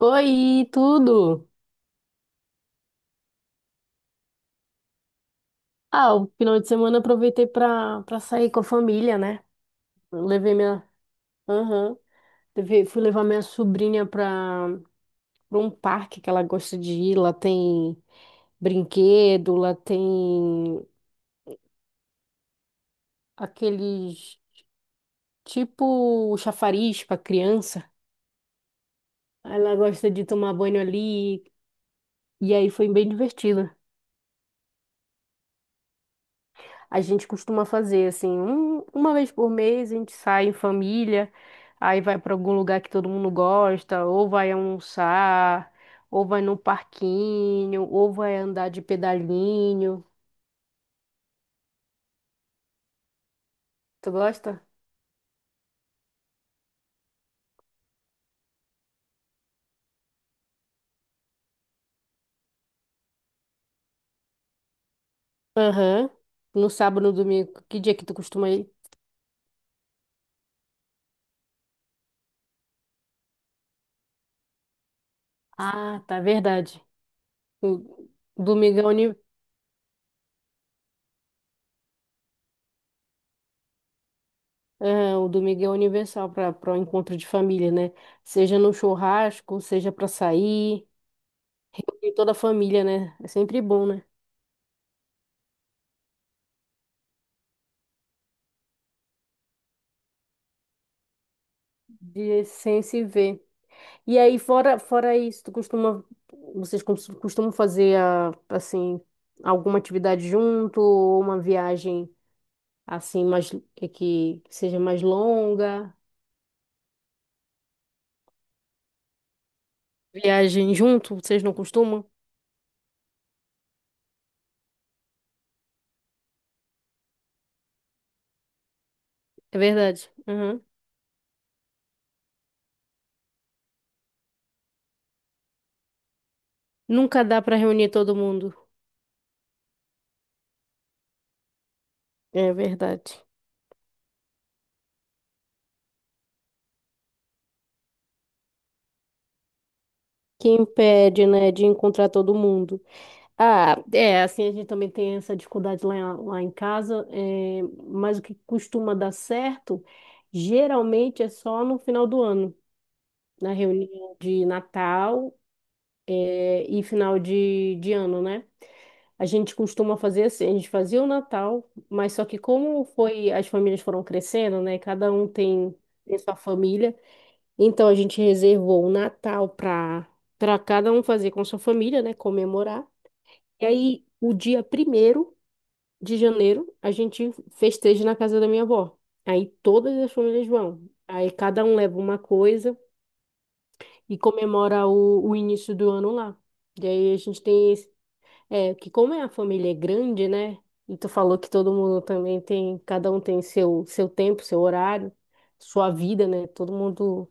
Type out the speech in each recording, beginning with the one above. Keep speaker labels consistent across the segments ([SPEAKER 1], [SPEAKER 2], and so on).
[SPEAKER 1] Oi, tudo? Ah, o final de semana eu aproveitei pra sair com a família, né? Eu levei minha. Aham. Fui levar minha sobrinha pra um parque que ela gosta de ir. Lá tem brinquedo, lá tem aqueles tipo chafariz pra criança. Aí ela gosta de tomar banho ali. E aí foi bem divertido. A gente costuma fazer assim, uma vez por mês a gente sai em família, aí vai para algum lugar que todo mundo gosta, ou vai almoçar, ou vai no parquinho, ou vai andar de pedalinho. Tu gosta? Aham. No sábado, no domingo, que dia que tu costuma ir? Ah, tá, verdade. O domingo é, uni... o domingo é universal para o encontro de família, né? Seja no churrasco, seja para sair, e toda a família, né? É sempre bom, né? De sem se ver. E aí, fora isso, vocês costumam fazer assim alguma atividade junto ou uma viagem assim mais que seja mais longa? Viagem junto, vocês não costumam? É verdade. Uhum. Nunca dá para reunir todo mundo. É verdade. Que impede, né, de encontrar todo mundo. Ah, é, assim, a gente também tem essa dificuldade lá, lá em casa, é, mas o que costuma dar certo, geralmente é só no final do ano, na reunião de Natal, é, e final de ano, né? A gente costuma fazer assim, a gente fazia o Natal, mas só que como foi, as famílias foram crescendo, né? Cada um tem sua família, então a gente reservou o Natal para cada um fazer com sua família, né? Comemorar. E aí, o dia primeiro de janeiro, a gente festeja na casa da minha avó. Aí todas as famílias vão. Aí cada um leva uma coisa e comemora o início do ano lá. E aí a gente tem esse, é, que como é a família é grande, né? E tu falou que todo mundo também tem, cada um tem seu tempo, seu horário, sua vida, né? Todo mundo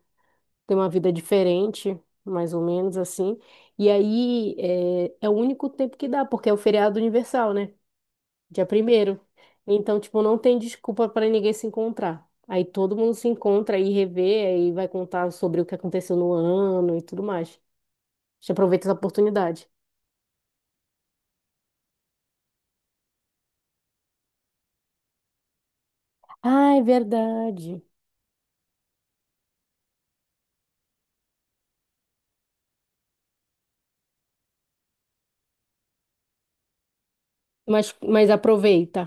[SPEAKER 1] tem uma vida diferente, mais ou menos assim. E aí é o único tempo que dá, porque é o feriado universal, né? Dia primeiro. Então, tipo, não tem desculpa para ninguém se encontrar. Aí todo mundo se encontra aí revê, aí vai contar sobre o que aconteceu no ano e tudo mais. A gente aproveita essa oportunidade. Ah, é verdade. Mas aproveita.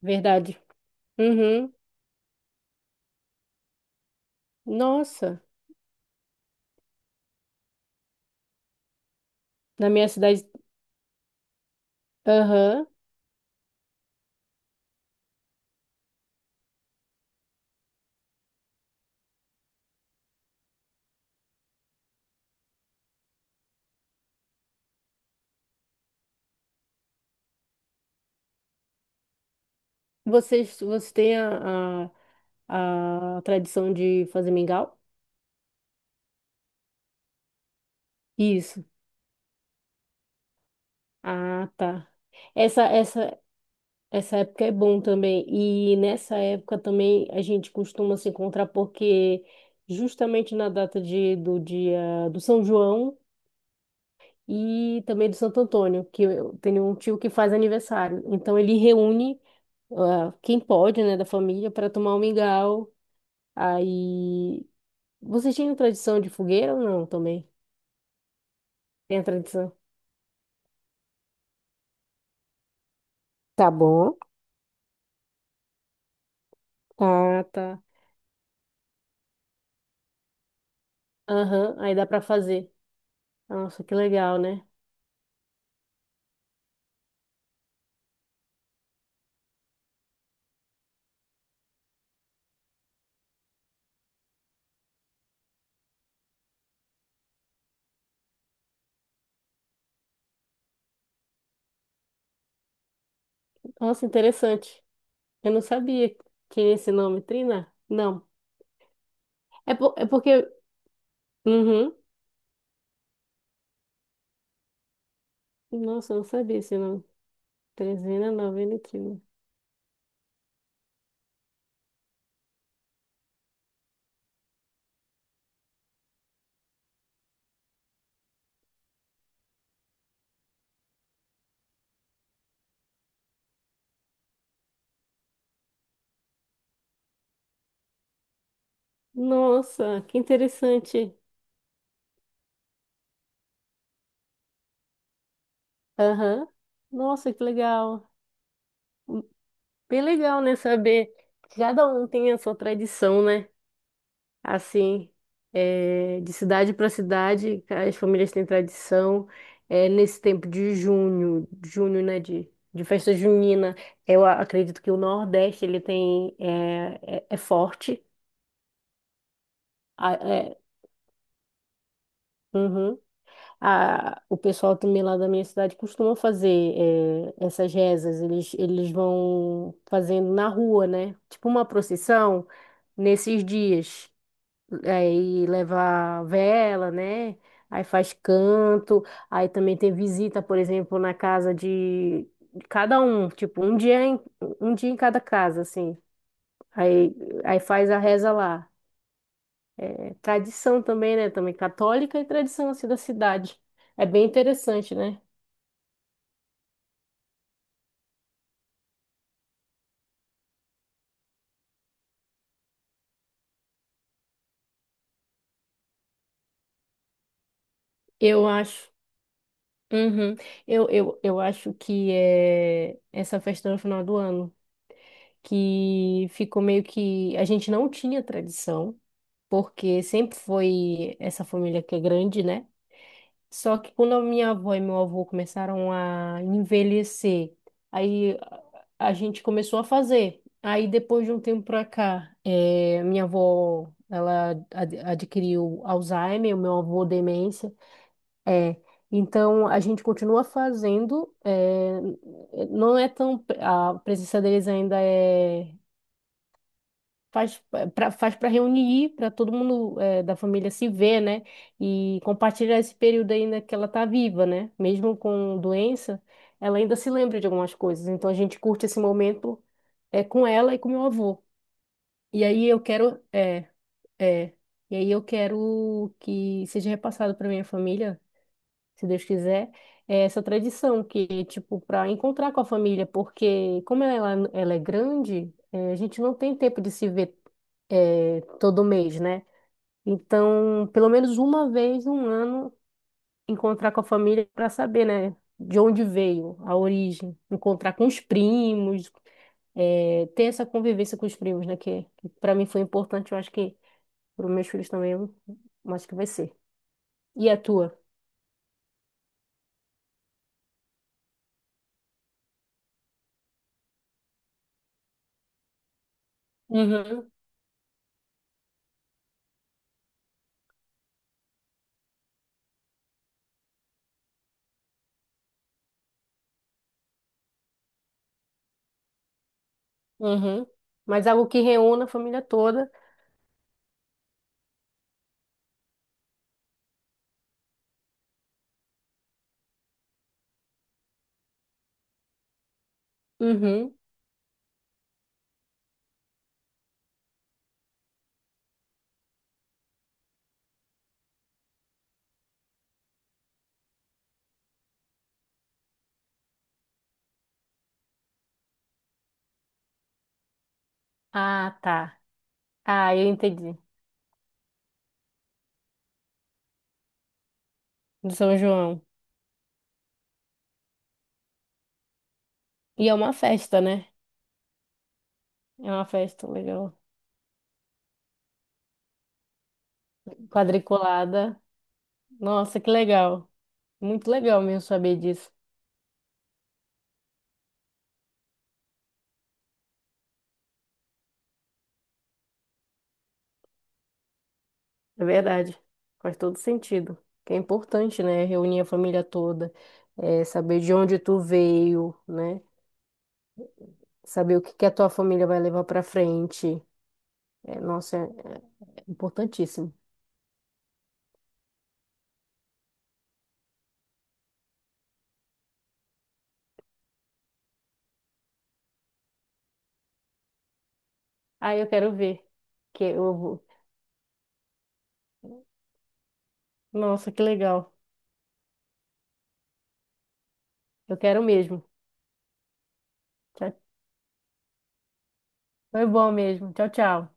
[SPEAKER 1] Verdade. Uhum. Nossa, na minha cidade. Aham. Vocês têm a tradição de fazer mingau? Isso. Ah, tá. Essa, essa, Essa época é bom também. E nessa época também a gente costuma se encontrar porque justamente na data do dia do São João e também do Santo Antônio, que eu tenho um tio que faz aniversário. Então ele reúne quem pode, né, da família para tomar um mingau. Aí vocês tinham tradição de fogueira ou não também? Tem a tradição? Tá bom. Tá, tá. Aham, aí dá para fazer. Nossa, que legal, né? Nossa, interessante. Eu não sabia que é esse nome, Trina? Não. É, é porque. Uhum. Nossa, eu não sabia esse nome. Trezena Novenitina. Nossa, que interessante. Aham. Nossa, que legal. Hum, Bem legal, né? Saber que cada um tem a sua tradição, né? Assim, é, de cidade para cidade, as famílias têm tradição. É, nesse tempo de junho, junho, né, de festa junina, eu acredito que o Nordeste ele tem é forte. É, uhum. O pessoal também lá da minha cidade costuma fazer essas rezas. Eles vão fazendo na rua, né? Tipo uma procissão nesses dias. Aí leva vela, né? Aí faz canto, aí também tem visita, por exemplo, na casa de cada um, tipo, um dia em cada casa, assim. Aí, aí faz a reza lá. É tradição também, né? Também católica e tradição assim da cidade. É bem interessante, né? Eu acho. Uhum. Eu acho que é essa festa no final do ano, que ficou meio que a gente não tinha tradição. Porque sempre foi essa família que é grande, né? Só que quando a minha avó e meu avô começaram a envelhecer, aí a gente começou a fazer. Aí depois de um tempo pra cá, minha avó, ela adquiriu Alzheimer, o meu avô demência. É, então a gente continua fazendo, não é tão, a presença deles ainda é faz faz para reunir, para todo mundo da família se ver, né? E compartilhar esse período ainda que ela tá viva, né? Mesmo com doença, ela ainda se lembra de algumas coisas. Então a gente curte esse momento com ela e com meu avô. E aí eu quero é, é, e aí eu quero que seja repassado para minha família se Deus quiser, é essa tradição que, tipo, para encontrar com a família, porque como ela é grande, a gente não tem tempo de se ver todo mês, né? Então, pelo menos uma vez no ano, encontrar com a família para saber, né? De onde veio a origem, encontrar com os primos, ter essa convivência com os primos, né? Que para mim foi importante, eu acho que para os meus filhos também, eu acho que vai ser. E a tua? Uhum, uhum. Mas algo que reúna a família toda. Uhum. Ah, tá. Ah, eu entendi. Do São João. E é uma festa, né? É uma festa legal. Quadriculada. Nossa, que legal. Muito legal mesmo saber disso. É verdade. Faz todo sentido. Que é importante, né? Reunir a família toda. É, saber de onde tu veio, né? Saber o que que a tua família vai levar pra frente. É, nossa, é importantíssimo. Ah, eu quero ver que eu vou- Nossa, que legal. Eu quero mesmo. Tchau- Foi bom mesmo. Tchau, tchau.